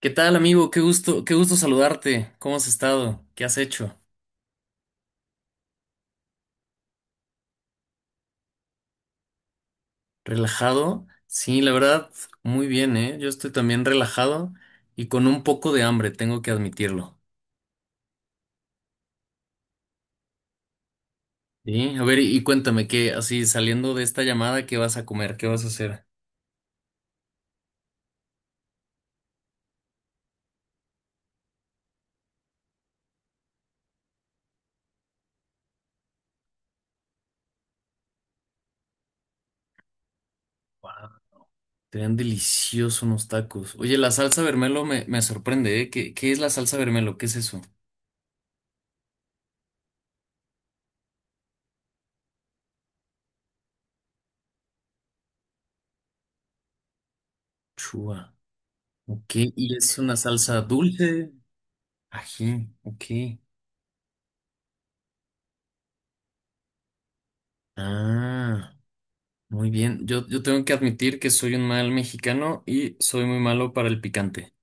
¿Qué tal, amigo? Qué gusto saludarte. ¿Cómo has estado? ¿Qué has hecho? ¿Relajado? Sí, la verdad, muy bien, ¿eh? Yo estoy también relajado y con un poco de hambre, tengo que admitirlo. Sí, a ver, y cuéntame qué, así saliendo de esta llamada, ¿qué vas a comer? ¿Qué vas a hacer? Wow, te ven deliciosos unos tacos. Oye, la salsa vermelo me sorprende, ¿eh? ¿Qué, qué es la salsa vermelo? ¿Qué es eso? Chua. ¿Qué? ¿Y es una salsa dulce? Ají, ok. Ah. Muy bien, yo tengo que admitir que soy un mal mexicano y soy muy malo para el picante.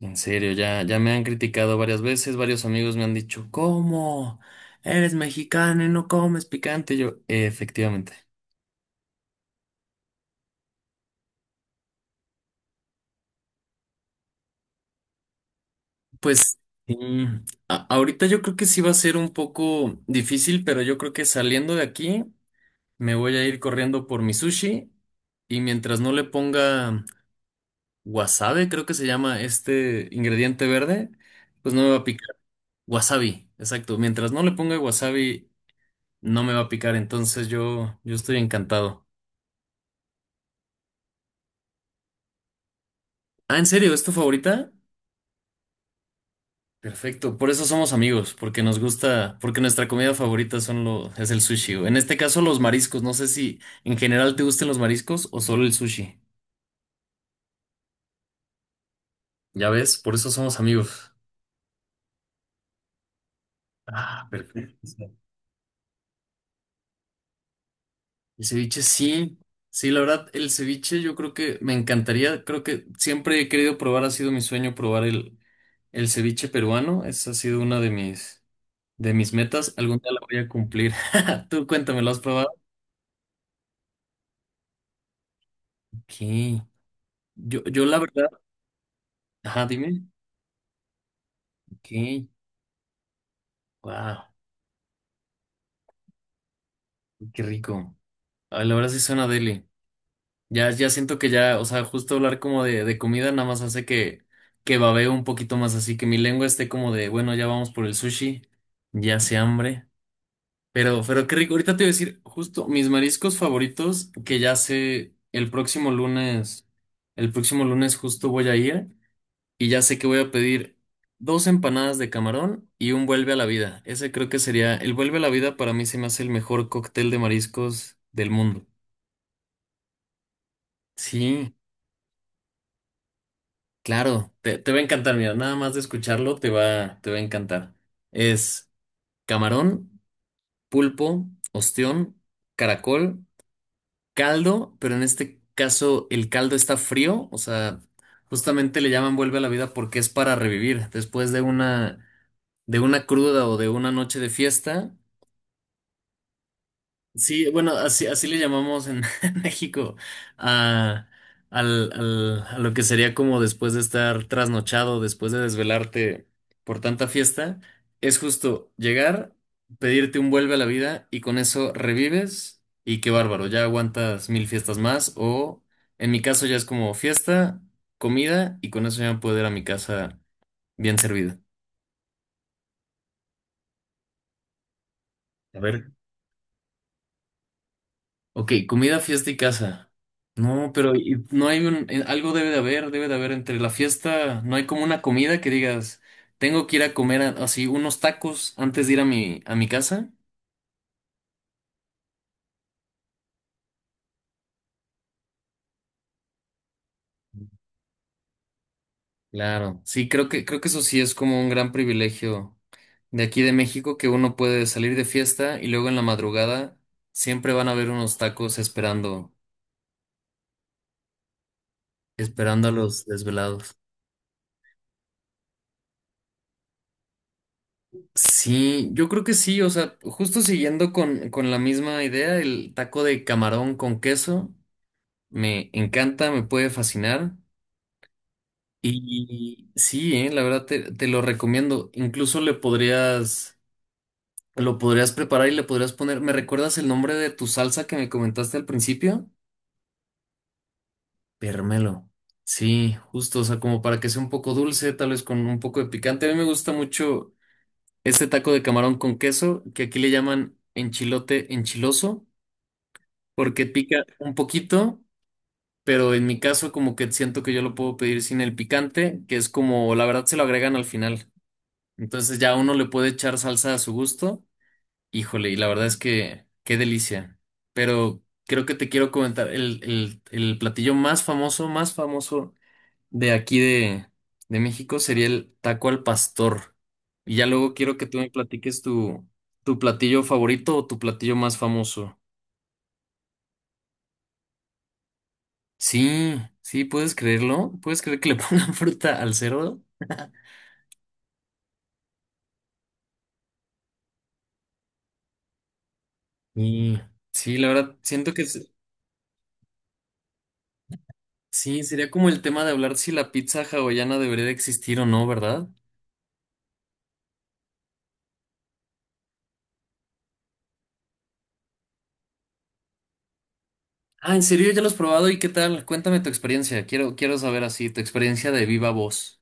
En serio, ya me han criticado varias veces, varios amigos me han dicho, ¿cómo? Eres mexicano y no comes picante. Yo, efectivamente. Pues mm, ahorita yo creo que sí va a ser un poco difícil, pero yo creo que saliendo de aquí me voy a ir corriendo por mi sushi y mientras no le ponga wasabi, creo que se llama este ingrediente verde, pues no me va a picar. Wasabi, exacto. Mientras no le ponga wasabi, no me va a picar, entonces yo estoy encantado. Ah, ¿en serio? ¿Es tu favorita? Perfecto, por eso somos amigos, porque nos gusta, porque nuestra comida favorita es el sushi. En este caso, los mariscos. No sé si en general te gusten los mariscos o solo el sushi. Ya ves, por eso somos amigos. Ah, perfecto. El ceviche sí, sí, la verdad, el ceviche yo creo que me encantaría, creo que siempre he querido probar, ha sido mi sueño probar el ceviche peruano, esa ha sido una de mis metas, algún día la voy a cumplir. Tú cuéntame, ¿lo has probado? Ok, yo la verdad, ajá, dime, ok, wow, qué rico. Ay, la verdad sí suena deli. Ya, ya siento que ya, o sea, justo hablar como de comida nada más hace que babeo un poquito más, así que mi lengua esté como de, bueno, ya vamos por el sushi, ya hace hambre. Pero qué rico, ahorita te voy a decir justo mis mariscos favoritos que ya sé el próximo lunes justo voy a ir y ya sé que voy a pedir dos empanadas de camarón y un vuelve a la vida. Ese creo que sería, el vuelve a la vida para mí se me hace el mejor cóctel de mariscos del mundo. Sí. Claro, te va a encantar, mira, nada más de escucharlo te va a encantar. Es camarón, pulpo, ostión, caracol, caldo, pero en este caso el caldo está frío, o sea, justamente le llaman vuelve a la vida porque es para revivir. Después de una cruda o de una noche de fiesta. Sí, bueno, así, así le llamamos en en México a, a lo que sería como después de estar trasnochado, después de desvelarte por tanta fiesta, es justo llegar, pedirte un vuelve a la vida y con eso revives y qué bárbaro, ya aguantas mil fiestas más o en mi caso ya es como fiesta, comida y con eso ya puedo ir a mi casa bien servida. A ver. Ok, comida, fiesta y casa. No, pero no hay un, algo debe de haber entre la fiesta, no hay como una comida que digas, tengo que ir a comer así unos tacos antes de ir a mi casa. Claro, sí, creo que eso sí es como un gran privilegio de aquí de México, que uno puede salir de fiesta y luego en la madrugada siempre van a haber unos tacos esperando, esperando a los desvelados. Sí, yo creo que sí, o sea, justo siguiendo con la misma idea, el taco de camarón con queso me encanta, me puede fascinar. Y sí, la verdad te, te lo recomiendo. Incluso le podrías, lo podrías preparar y le podrías poner. ¿Me recuerdas el nombre de tu salsa que me comentaste al principio? Permelo. Sí, justo, o sea, como para que sea un poco dulce, tal vez con un poco de picante. A mí me gusta mucho este taco de camarón con queso, que aquí le llaman enchilote enchiloso, porque pica un poquito, pero en mi caso como que siento que yo lo puedo pedir sin el picante, que es como la verdad se lo agregan al final. Entonces ya uno le puede echar salsa a su gusto. Híjole, y la verdad es que qué delicia. Pero creo que te quiero comentar el platillo más famoso de aquí de México sería el taco al pastor. Y ya luego quiero que tú me platiques tu, tu platillo favorito o tu platillo más famoso. Sí, sí, puedes creerlo. ¿Puedes creer que le pongan fruta al cerdo? Y sí, la verdad, siento que sí, sería como el tema de hablar si la pizza hawaiana debería de existir o no, ¿verdad? Ah, ¿en serio ya lo has probado? ¿Y qué tal? Cuéntame tu experiencia. Quiero, quiero saber así, tu experiencia de viva voz.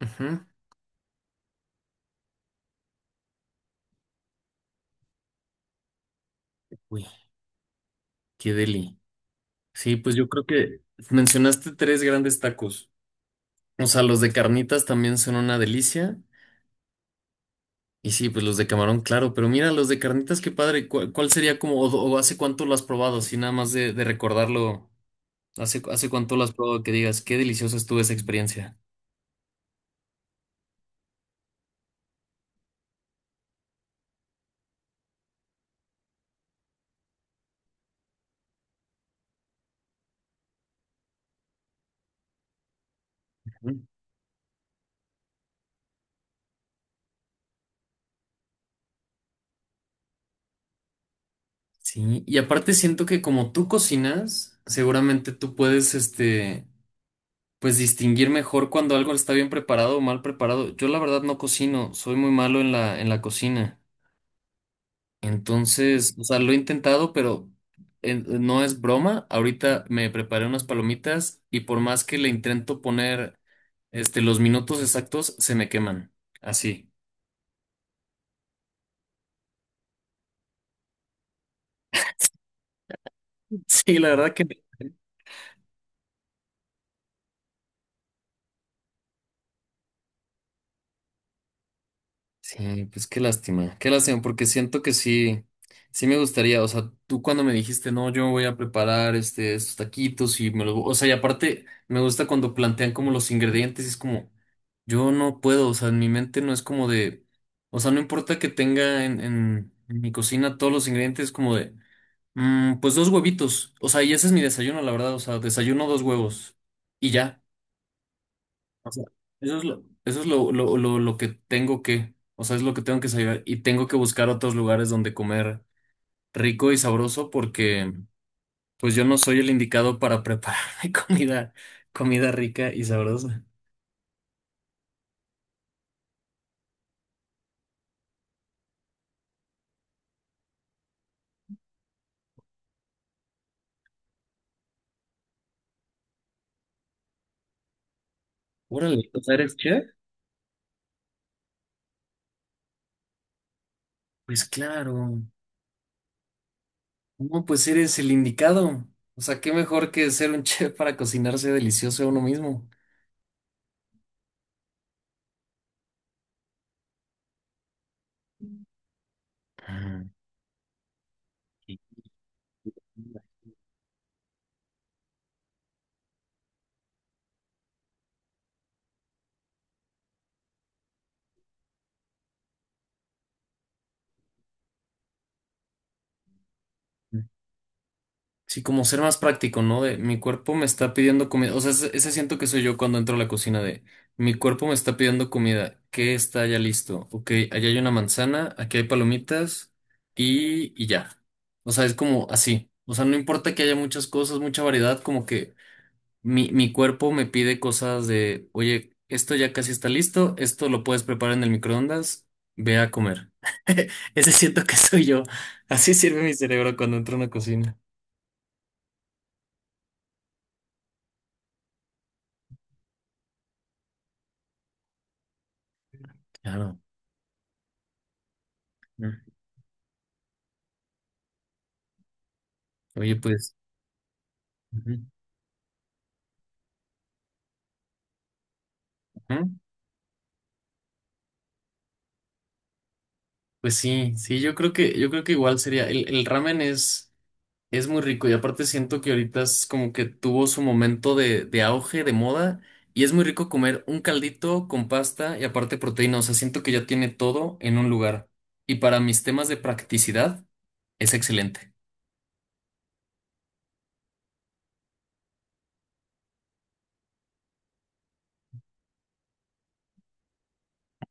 Ujú. Uy, qué deli. Sí, pues yo creo que mencionaste tres grandes tacos. O sea, los de carnitas también son una delicia. Y sí, pues los de camarón, claro, pero mira, los de carnitas, qué padre. ¿Cuál, cuál sería como, o hace cuánto lo has probado? Así nada más de recordarlo, hace, hace cuánto lo has probado que digas, qué deliciosa estuvo esa experiencia. Ujú. Sí, y aparte siento que como tú cocinas, seguramente tú puedes, este, pues distinguir mejor cuando algo está bien preparado o mal preparado. Yo la verdad no cocino, soy muy malo en la cocina. Entonces, o sea, lo he intentado, pero no es broma. Ahorita me preparé unas palomitas y por más que le intento poner este, los minutos exactos, se me queman. Así. Sí, la verdad que sí, pues qué lástima, porque siento que sí, sí me gustaría, o sea, tú cuando me dijiste, no, yo voy a preparar este, estos taquitos y me los, o sea, y aparte me gusta cuando plantean como los ingredientes, y es como, yo no puedo, o sea, en mi mente no es como de, o sea, no importa que tenga en mi cocina todos los ingredientes, como de, pues dos huevitos, o sea, y ese es mi desayuno, la verdad, o sea, desayuno dos huevos y ya. O sea, eso es lo, eso es lo que tengo que, o sea, es lo que tengo que saber y tengo que buscar otros lugares donde comer rico y sabroso porque pues yo no soy el indicado para prepararme comida, comida rica y sabrosa. Órale, o sea, ¿eres chef? Pues claro, no, pues eres el indicado. O sea, qué mejor que ser un chef para cocinarse delicioso a uno mismo. Ah, qué sí, como ser más práctico, ¿no? De mi cuerpo me está pidiendo comida. O sea, ese siento que soy yo cuando entro a la cocina de mi cuerpo me está pidiendo comida. ¿Qué está ya listo? Ok, allá hay una manzana, aquí hay palomitas y ya. O sea, es como así. O sea, no importa que haya muchas cosas, mucha variedad, como que mi cuerpo me pide cosas de, oye, esto ya casi está listo, esto lo puedes preparar en el microondas, ve a comer. Ese siento que soy yo. Así sirve mi cerebro cuando entro a una cocina. Claro. Mm. Oye, pues, ujú, ujú. Pues sí, sí, yo creo que igual sería, el ramen es muy rico y aparte siento que ahorita es como que tuvo su momento de auge, de moda, y es muy rico comer un caldito con pasta y aparte proteína, o sea, siento que ya tiene todo en un lugar. Y para mis temas de practicidad, es excelente.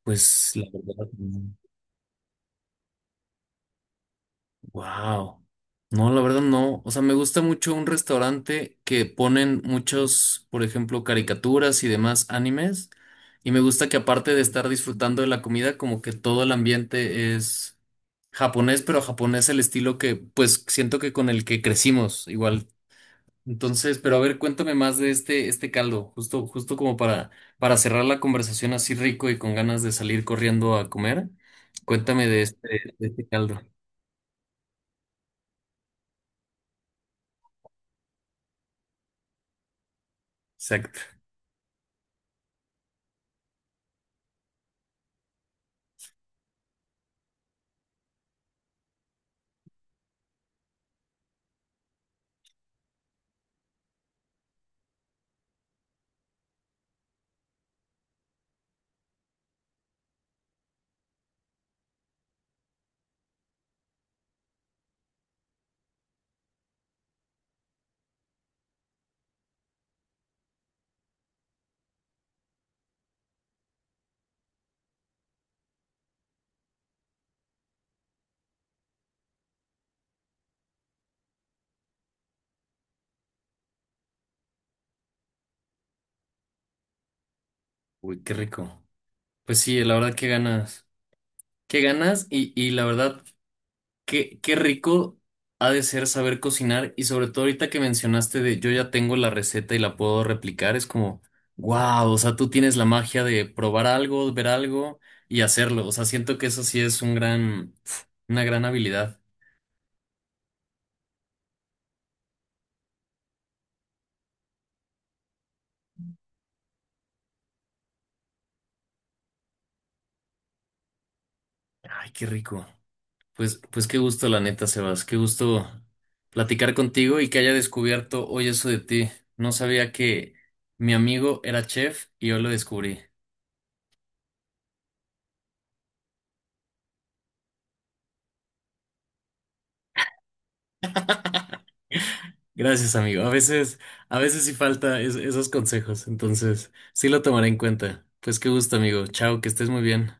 Pues la verdad. Wow. No, la verdad no. O sea, me gusta mucho un restaurante que ponen muchos, por ejemplo, caricaturas y demás animes. Y me gusta que aparte de estar disfrutando de la comida, como que todo el ambiente es japonés, pero japonés el estilo que, pues, siento que con el que crecimos igual. Entonces, pero a ver, cuéntame más de este, este caldo, justo, justo como para cerrar la conversación así rico y con ganas de salir corriendo a comer. Cuéntame de este caldo. Exacto. Uy, qué rico. Pues sí, la verdad, qué ganas. Qué ganas y la verdad, qué, qué rico ha de ser saber cocinar y sobre todo ahorita que mencionaste de yo ya tengo la receta y la puedo replicar, es como, wow, o sea, tú tienes la magia de probar algo, ver algo y hacerlo. O sea, siento que eso sí es un gran, una gran habilidad. Ay, qué rico. Pues, pues qué gusto, la neta, Sebas, qué gusto platicar contigo y que haya descubierto hoy eso de ti. No sabía que mi amigo era chef y yo lo descubrí. Gracias, amigo. A veces sí falta esos consejos, entonces sí lo tomaré en cuenta. Pues qué gusto, amigo. Chao, que estés muy bien.